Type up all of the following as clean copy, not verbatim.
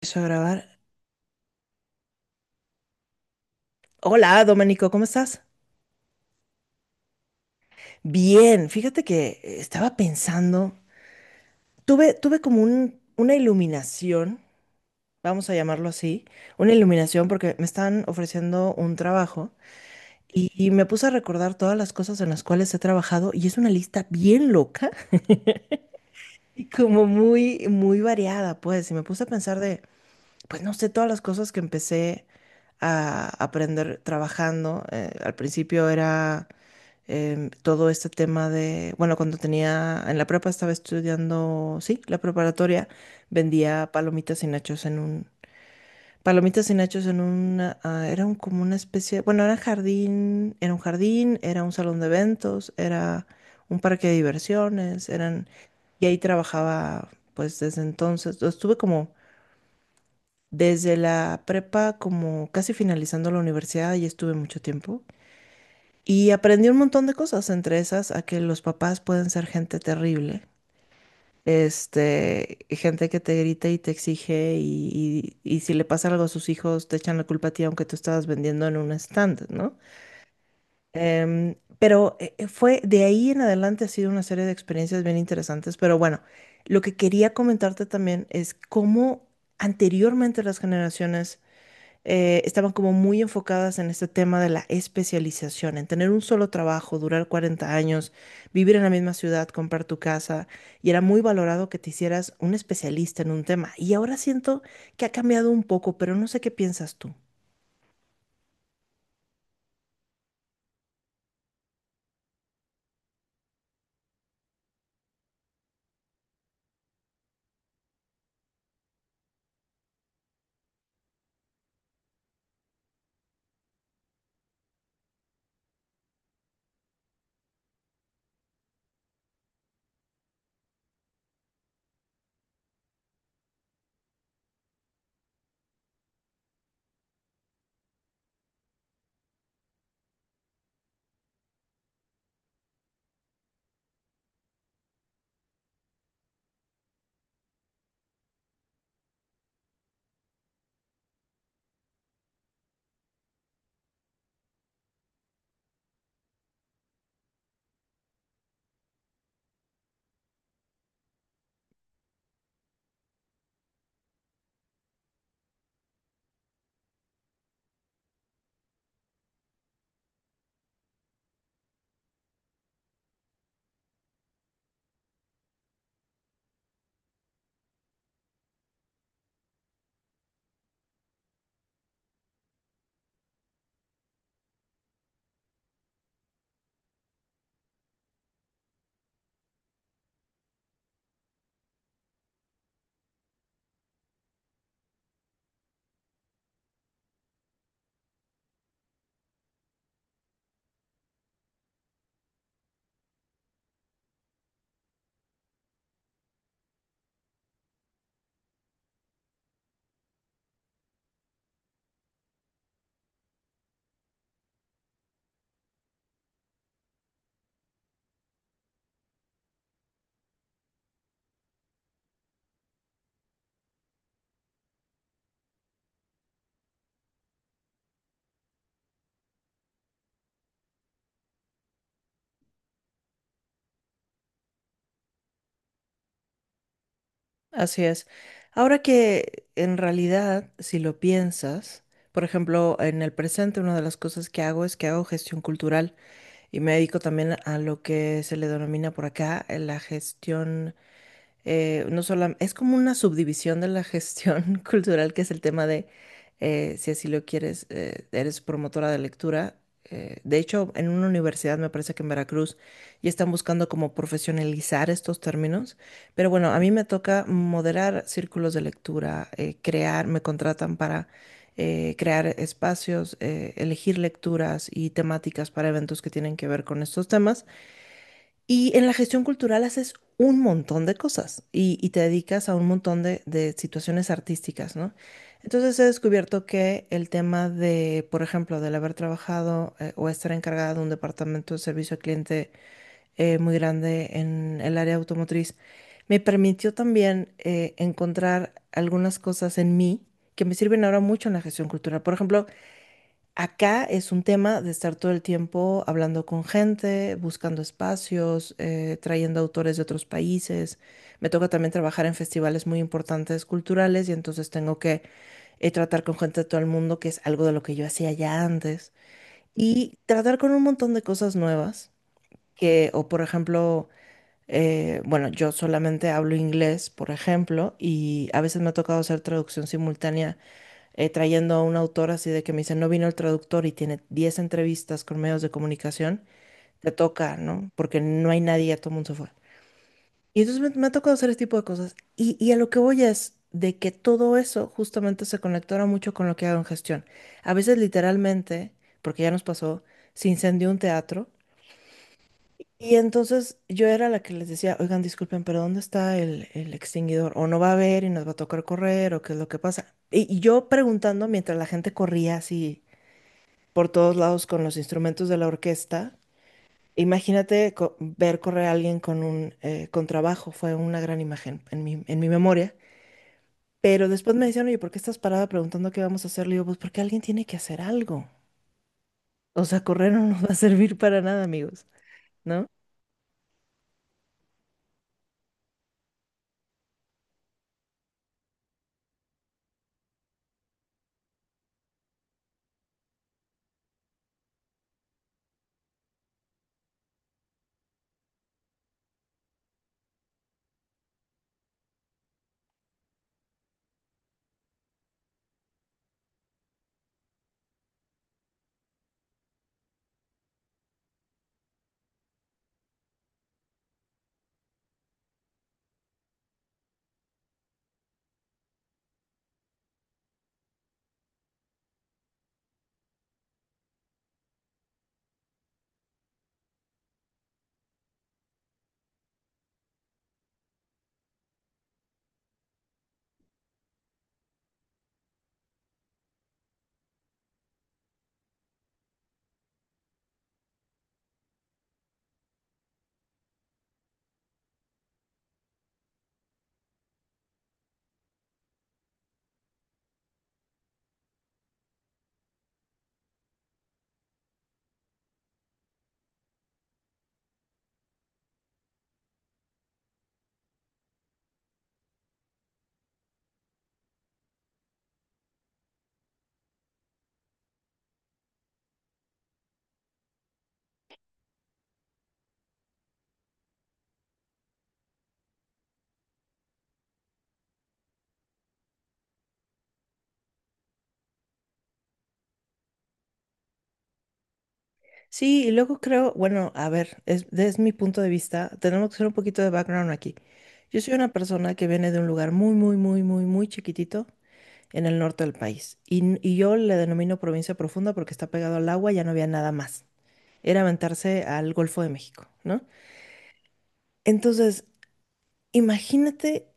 Empiezo a grabar. Hola, Domenico, ¿cómo estás? Bien, fíjate que estaba pensando, tuve como una iluminación, vamos a llamarlo así, una iluminación porque me están ofreciendo un trabajo y me puse a recordar todas las cosas en las cuales he trabajado y es una lista bien loca y como muy, muy variada, pues, y me puse a pensar de, pues no sé, todas las cosas que empecé a aprender trabajando. Al principio era todo este tema de, bueno, en la prepa estaba estudiando, sí, la preparatoria, vendía palomitas y nachos en un, palomitas y nachos en una, ah, era un, como una especie, bueno, era jardín, era un salón de eventos, era un parque de diversiones, eran, y ahí trabajaba, pues desde entonces, estuve como, desde la prepa, como casi finalizando la universidad, y estuve mucho tiempo. Y aprendí un montón de cosas, entre esas a que los papás pueden ser gente terrible, gente que te grita y te exige y si le pasa algo a sus hijos te echan la culpa a ti aunque tú estabas vendiendo en un stand, ¿no? Pero fue de ahí en adelante ha sido una serie de experiencias bien interesantes, pero bueno, lo que quería comentarte también es cómo anteriormente las generaciones estaban como muy enfocadas en este tema de la especialización, en tener un solo trabajo, durar 40 años, vivir en la misma ciudad, comprar tu casa, y era muy valorado que te hicieras un especialista en un tema. Y ahora siento que ha cambiado un poco, pero no sé qué piensas tú. Así es. Ahora que en realidad, si lo piensas, por ejemplo, en el presente una de las cosas que hago es que hago gestión cultural y me dedico también a lo que se le denomina por acá la gestión no solo, es como una subdivisión de la gestión cultural, que es el tema de, si así lo quieres, eres promotora de lectura. De hecho, en una universidad, me parece que en Veracruz, ya están buscando como profesionalizar estos términos. Pero bueno, a mí me toca moderar círculos de lectura, me contratan para crear espacios, elegir lecturas y temáticas para eventos que tienen que ver con estos temas. Y en la gestión cultural haces un montón de cosas y te dedicas a un montón de situaciones artísticas, ¿no? Entonces he descubierto que el tema de, por ejemplo, del haber trabajado o estar encargada de un departamento de servicio al cliente muy grande en el área automotriz, me permitió también encontrar algunas cosas en mí que me sirven ahora mucho en la gestión cultural. Por ejemplo, acá es un tema de estar todo el tiempo hablando con gente, buscando espacios, trayendo autores de otros países. Me toca también trabajar en festivales muy importantes culturales y entonces tengo que tratar con gente de todo el mundo, que es algo de lo que yo hacía ya antes, y tratar con un montón de cosas nuevas, o por ejemplo, bueno, yo solamente hablo inglés, por ejemplo, y a veces me ha tocado hacer traducción simultánea trayendo a un autor así de que me dice, no vino el traductor y tiene 10 entrevistas con medios de comunicación, te toca, ¿no? Porque no hay nadie, ya todo el mundo se fue. Y entonces me ha tocado hacer este tipo de cosas. Y a lo que voy es de que todo eso justamente se conectara mucho con lo que hago en gestión. A veces literalmente, porque ya nos pasó, se incendió un teatro. Y entonces yo era la que les decía, oigan, disculpen, pero ¿dónde está el extinguidor? O no va a haber y nos va a tocar correr, o qué es lo que pasa. Y yo preguntando mientras la gente corría así por todos lados con los instrumentos de la orquesta. Imagínate ver correr a alguien con un contrabajo, fue una gran imagen en mi memoria. Pero después me decían, oye, ¿por qué estás parada preguntando qué vamos a hacer? Le digo, pues porque alguien tiene que hacer algo. O sea, correr no nos va a servir para nada, amigos, ¿no? Sí, y luego creo, bueno, a ver, es, desde mi punto de vista, tenemos que hacer un poquito de background aquí. Yo soy una persona que viene de un lugar muy, muy, muy, muy, muy chiquitito en el norte del país. Y yo le denomino provincia profunda porque está pegado al agua, ya no había nada más. Era aventarse al Golfo de México, ¿no? Entonces, imagínate,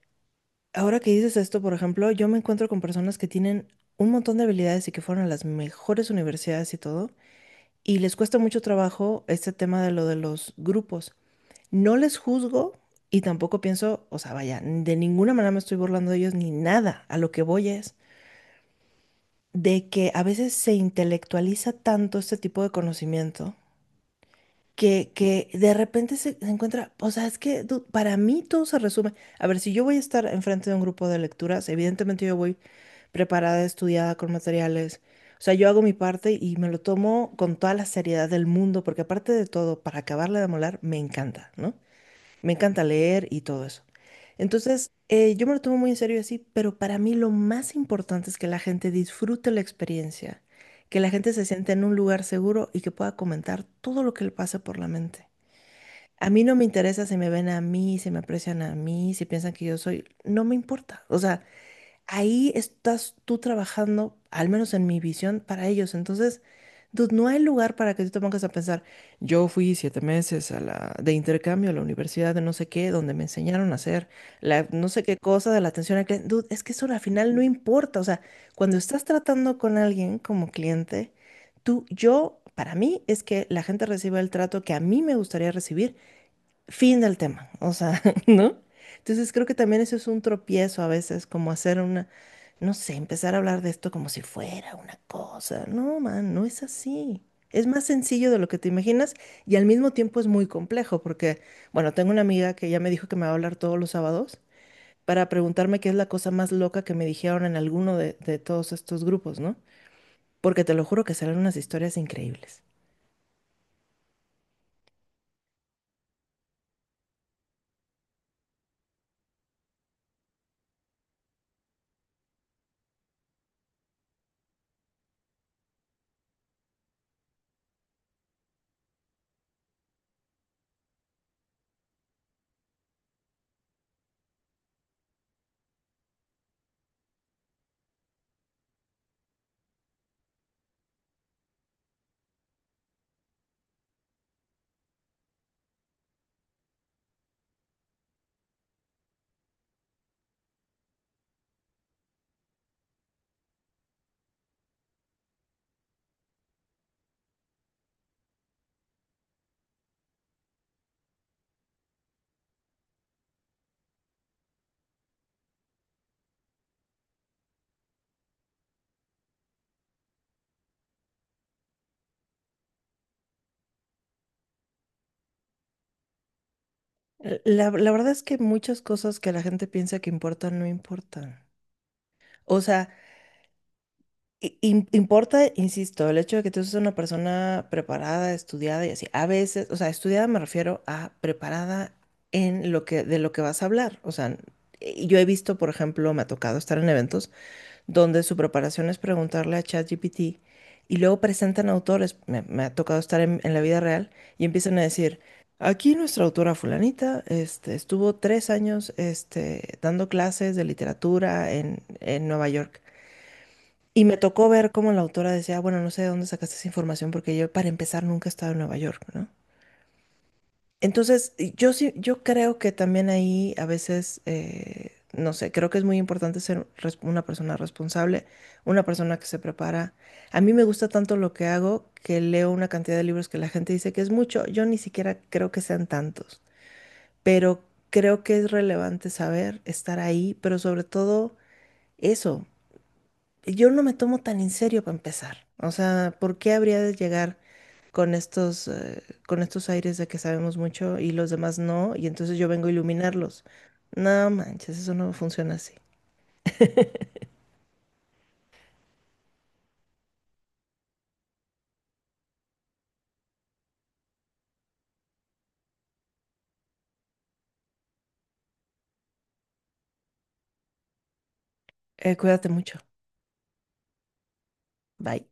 ahora que dices esto, por ejemplo, yo me encuentro con personas que tienen un montón de habilidades y que fueron a las mejores universidades y todo, y les cuesta mucho trabajo este tema de lo de los grupos. No les juzgo y tampoco pienso, o sea, vaya, de ninguna manera me estoy burlando de ellos ni nada. A lo que voy es, de que a veces se intelectualiza tanto este tipo de conocimiento que de repente se encuentra, o sea, es que para mí todo se resume. A ver, si yo voy a estar enfrente de un grupo de lecturas, evidentemente yo voy preparada, estudiada con materiales. O sea, yo hago mi parte y me lo tomo con toda la seriedad del mundo, porque aparte de todo, para acabarle de molar, me encanta, ¿no? Me encanta leer y todo eso. Entonces, yo me lo tomo muy en serio y así, pero para mí lo más importante es que la gente disfrute la experiencia, que la gente se sienta en un lugar seguro y que pueda comentar todo lo que le pasa por la mente. A mí no me interesa si me ven a mí, si me aprecian a mí, si piensan que yo soy, no me importa. O sea, ahí estás tú trabajando, al menos en mi visión, para ellos. Entonces, dude, no hay lugar para que tú te pongas a pensar, yo fui 7 meses a de intercambio a la universidad de no sé qué, donde me enseñaron a hacer la no sé qué cosa de la atención al cliente. Dude, es que eso al final no importa. O sea, cuando estás tratando con alguien como cliente, tú, yo, para mí, es que la gente reciba el trato que a mí me gustaría recibir. Fin del tema, o sea, ¿no? Entonces creo que también eso es un tropiezo a veces, como hacer una, no sé, empezar a hablar de esto como si fuera una cosa. No, man, no es así. Es más sencillo de lo que te imaginas y al mismo tiempo es muy complejo porque, bueno, tengo una amiga que ya me dijo que me va a hablar todos los sábados para preguntarme qué es la cosa más loca que me dijeron en alguno de todos estos grupos, ¿no? Porque te lo juro que serán unas historias increíbles. La verdad es que muchas cosas que la gente piensa que importan no importan. O sea, importa, insisto, el hecho de que tú seas una persona preparada, estudiada y así. A veces, o sea, estudiada me refiero a preparada en lo que, de lo que vas a hablar. O sea, y yo he visto, por ejemplo, me ha tocado estar en eventos donde su preparación es preguntarle a ChatGPT y luego presentan autores. Me ha tocado estar en la vida real y empiezan a decir, aquí nuestra autora fulanita, estuvo 3 años, dando clases de literatura en Nueva York. Y me tocó ver cómo la autora decía, bueno, no sé de dónde sacaste esa información porque yo para empezar nunca he estado en Nueva York, ¿no? Entonces, y yo sí, yo creo que también ahí a veces, no sé, creo que es muy importante ser una persona responsable, una persona que se prepara. A mí me gusta tanto lo que hago que leo una cantidad de libros que la gente dice que es mucho, yo ni siquiera creo que sean tantos, pero creo que es relevante saber estar ahí, pero sobre todo eso yo no me tomo tan en serio para empezar. O sea, ¿por qué habría de llegar con con estos aires de que sabemos mucho y los demás no? Y entonces yo vengo a iluminarlos. No manches, eso no funciona así. Cuídate mucho. Bye.